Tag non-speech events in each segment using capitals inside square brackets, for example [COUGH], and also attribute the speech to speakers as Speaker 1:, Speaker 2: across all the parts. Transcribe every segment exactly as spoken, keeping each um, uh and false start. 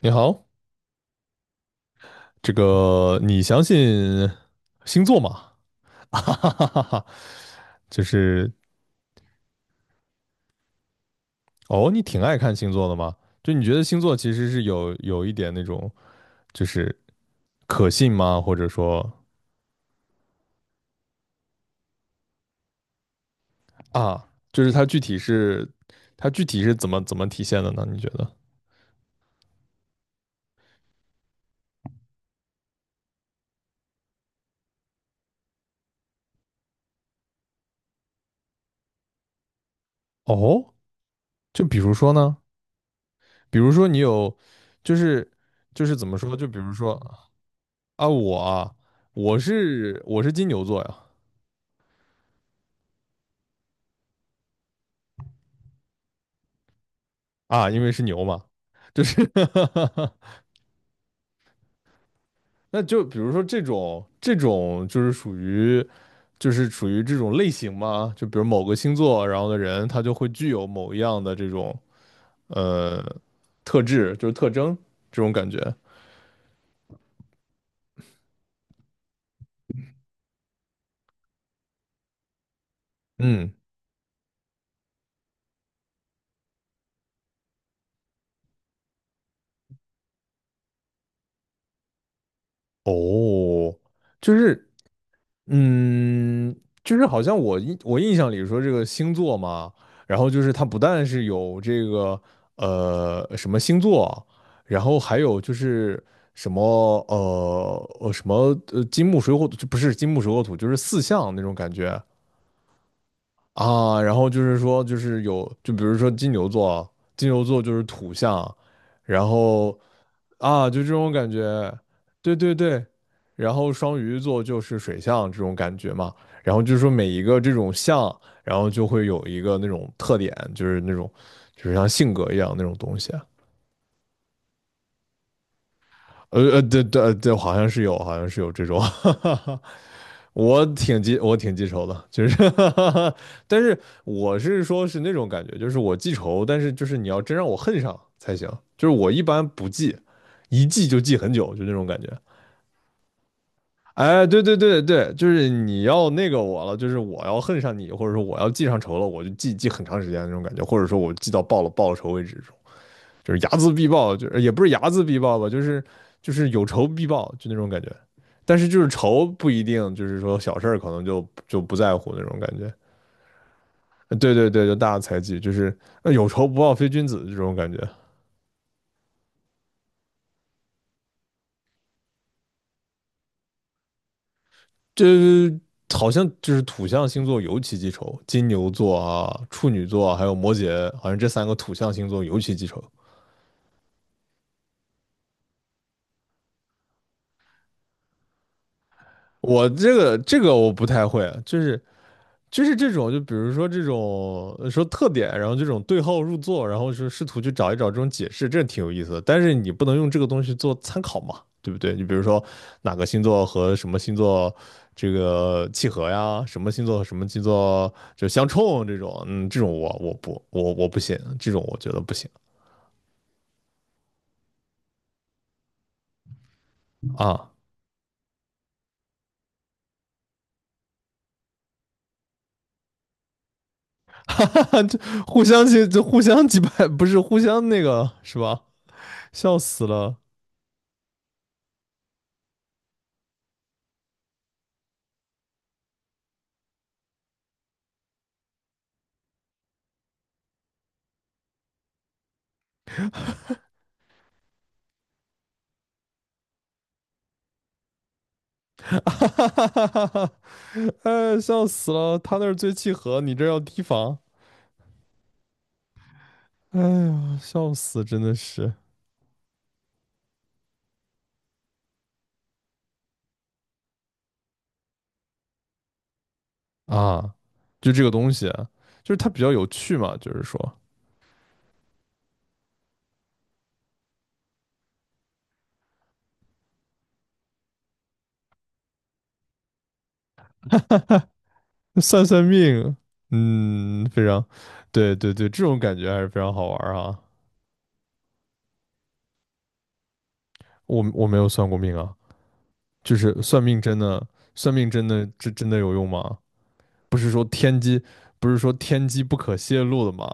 Speaker 1: 你好，这个你相信星座吗？[LAUGHS] 哈哈哈哈哈，就是哦，你挺爱看星座的吗？就你觉得星座其实是有有一点那种，就是可信吗？或者说啊，就是它具体是它具体是怎么怎么体现的呢？你觉得？哦，就比如说呢，比如说你有，就是就是怎么说？就比如说啊，我啊，我是我是金牛座呀。啊，因为是牛嘛，就是 [LAUGHS] 那就比如说这种这种就是属于就是属于这种类型嘛，就比如某个星座，然后的人他就会具有某一样的这种呃特质，就是特征这种感觉。嗯，哦，就是嗯，就是好像我印我印象里说这个星座嘛，然后就是它不但是有这个呃什么星座，然后还有就是什么呃呃什么呃金木水火土，就不是金木水火土，就是四象那种感觉。啊，然后就是说，就是有，就比如说金牛座啊，金牛座就是土象，然后啊，就这种感觉，对对对，然后双鱼座就是水象这种感觉嘛，然后就是说每一个这种象，然后就会有一个那种特点，就是那种就是像性格一样那种东西。呃呃，对对，呃对，好像是有，好像是有这种，[LAUGHS] 哈哈哈，我挺记，我挺记仇的，就是 [LAUGHS] 但是我是说是那种感觉，就是我记仇，但是就是你要真让我恨上才行，就是我一般不记，一记就记很久，就那种感觉。哎，对对对对，就是你要那个我了，就是我要恨上你，或者说我要记上仇了，我就记记很长时间那种感觉，或者说我记到报了报了仇为止，就是睚眦必报，就是也不是睚眦必报吧，就是就是有仇必报，就那种感觉。但是就是仇不一定，就是说小事儿可能就就不在乎那种感觉。对对对，就大的猜忌，就是呃有仇不报非君子这种感觉。这好像就是土象星座尤其记仇，金牛座啊、处女座啊还有摩羯，好像这三个土象星座尤其记仇。我这个这个我不太会，就是就是这种，就比如说这种呃说特点，然后这种对号入座，然后是试图去找一找这种解释，这挺有意思的。但是你不能用这个东西做参考嘛，对不对？你比如说哪个星座和什么星座这个契合呀，什么星座和什么星座就相冲这种，嗯，这种我我不我我不信，这种我觉得不行啊，[LAUGHS] 哈哈哈，就互相去就互相击败，不是互相那个是吧？笑死了。[LAUGHS] 哈，哎，笑死了！他那儿最契合，你这儿要提防。哎呀，笑死，真的是啊！就这个东西，就是它比较有趣嘛，就是说算算命，嗯，非常，对对对，这种感觉还是非常好玩儿啊。我我没有算过命啊，就是算命真的，算命真的真真的有用吗？不是说天机，不是说天机不可泄露的吗？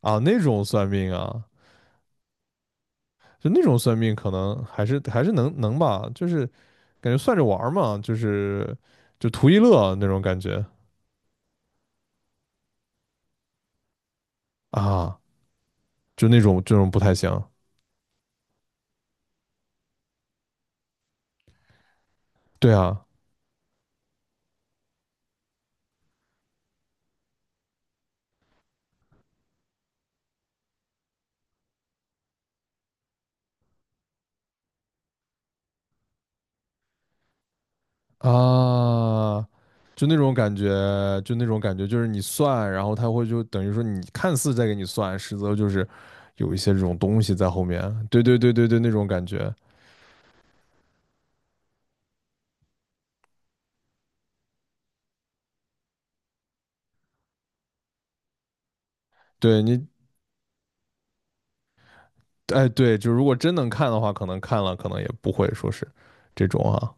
Speaker 1: 啊，那种算命啊，就那种算命可能还是还是能能吧，就是感觉算着玩儿嘛，就是就图一乐那种感觉啊，就那种这种不太行。对啊啊，就那种感觉，就那种感觉，就是你算，然后他会就等于说你看似在给你算，实则就是有一些这种东西在后面。对对对对对，那种感觉。对你，哎对，就如果真能看的话，可能看了可能也不会说是这种啊。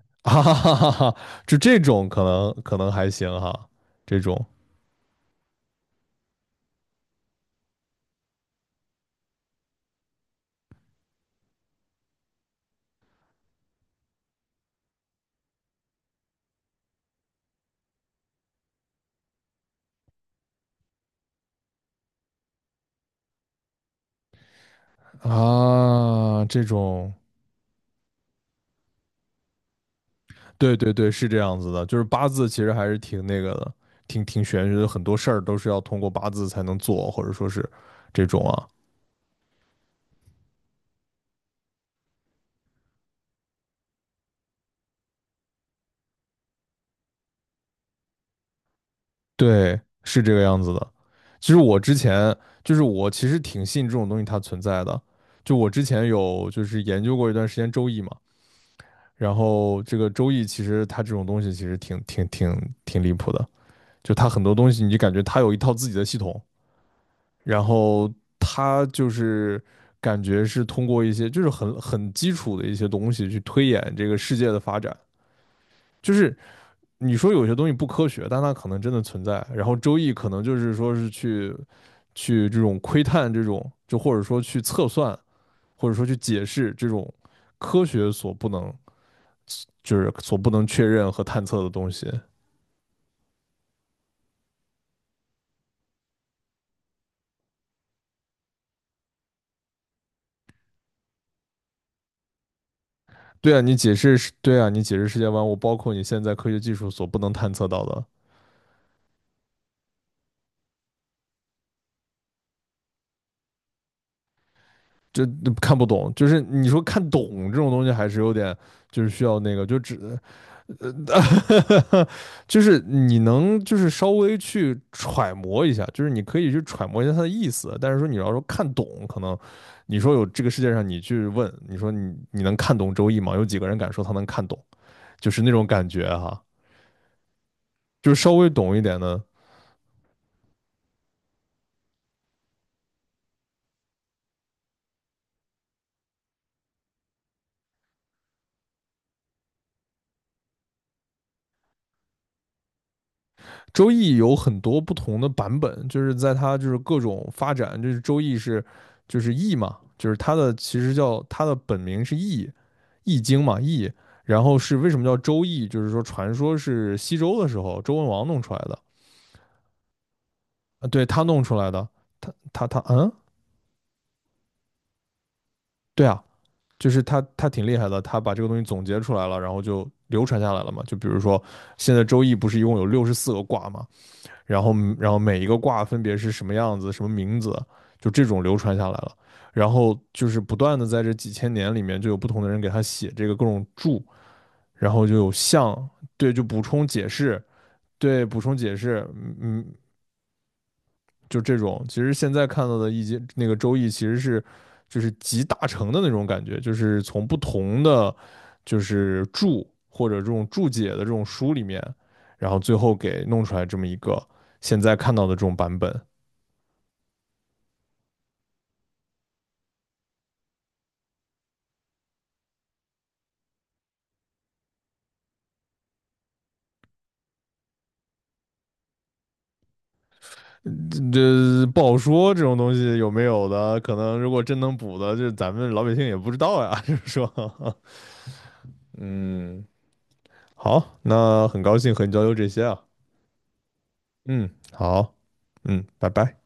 Speaker 1: [LAUGHS] 哈哈哈哈，就这种可能可能还行哈，这种啊，这种，对对对，是这样子的，就是八字其实还是挺那个的，挺挺玄学的，很多事儿都是要通过八字才能做，或者说是这种啊，对，是这个样子的。其实我之前就是我其实挺信这种东西它存在的，就我之前有就是研究过一段时间周易嘛，然后这个周易其实它这种东西其实挺挺挺挺离谱的。就他很多东西，你就感觉他有一套自己的系统，然后他就是感觉是通过一些就是很很基础的一些东西去推演这个世界的发展。就是你说有些东西不科学，但它可能真的存在。然后周易可能就是说是去去这种窥探这种，就或者说去测算，或者说去解释这种科学所不能就是所不能确认和探测的东西。对啊，你解释是，对啊，你解释世界万物，我包括你现在科学技术所不能探测到的，这看不懂，就是你说看懂这种东西，还是有点，就是需要那个，就只，[LAUGHS] 就是你能就是稍微去揣摩一下，就是你可以去揣摩一下它的意思，但是说你要说看懂，可能你说有这个世界上，你去问，你说你你能看懂《周易》吗？有几个人敢说他能看懂？就是那种感觉哈、就是稍微懂一点的，周易有很多不同的版本，就是在它就是各种发展，就是周易是就是易嘛，就是它的其实叫它的本名是易易经嘛易，然后是为什么叫周易，就是说传说是西周的时候周文王弄出来的，啊对他弄出来的，他他嗯，对啊，就是他他挺厉害的，他把这个东西总结出来了，然后就流传下来了嘛。就比如说现在周易不是一共有六十四个卦吗？然后然后每一个卦分别是什么样子、什么名字，就这种流传下来了。然后就是不断的在这几千年里面，就有不同的人给他写这个各种注，然后就有象，对，就补充解释，对，补充解释，嗯，嗯就这种。其实现在看到的易经那个周易，其实是就是集大成的那种感觉，就是从不同的就是注或者这种注解的这种书里面，然后最后给弄出来这么一个现在看到的这种版本。这不好说，这种东西有没有的，可能如果真能补的，是咱们老百姓也不知道呀。就是说，[LAUGHS] 嗯，好，那很高兴和你交流这些啊。嗯，好，嗯，拜拜。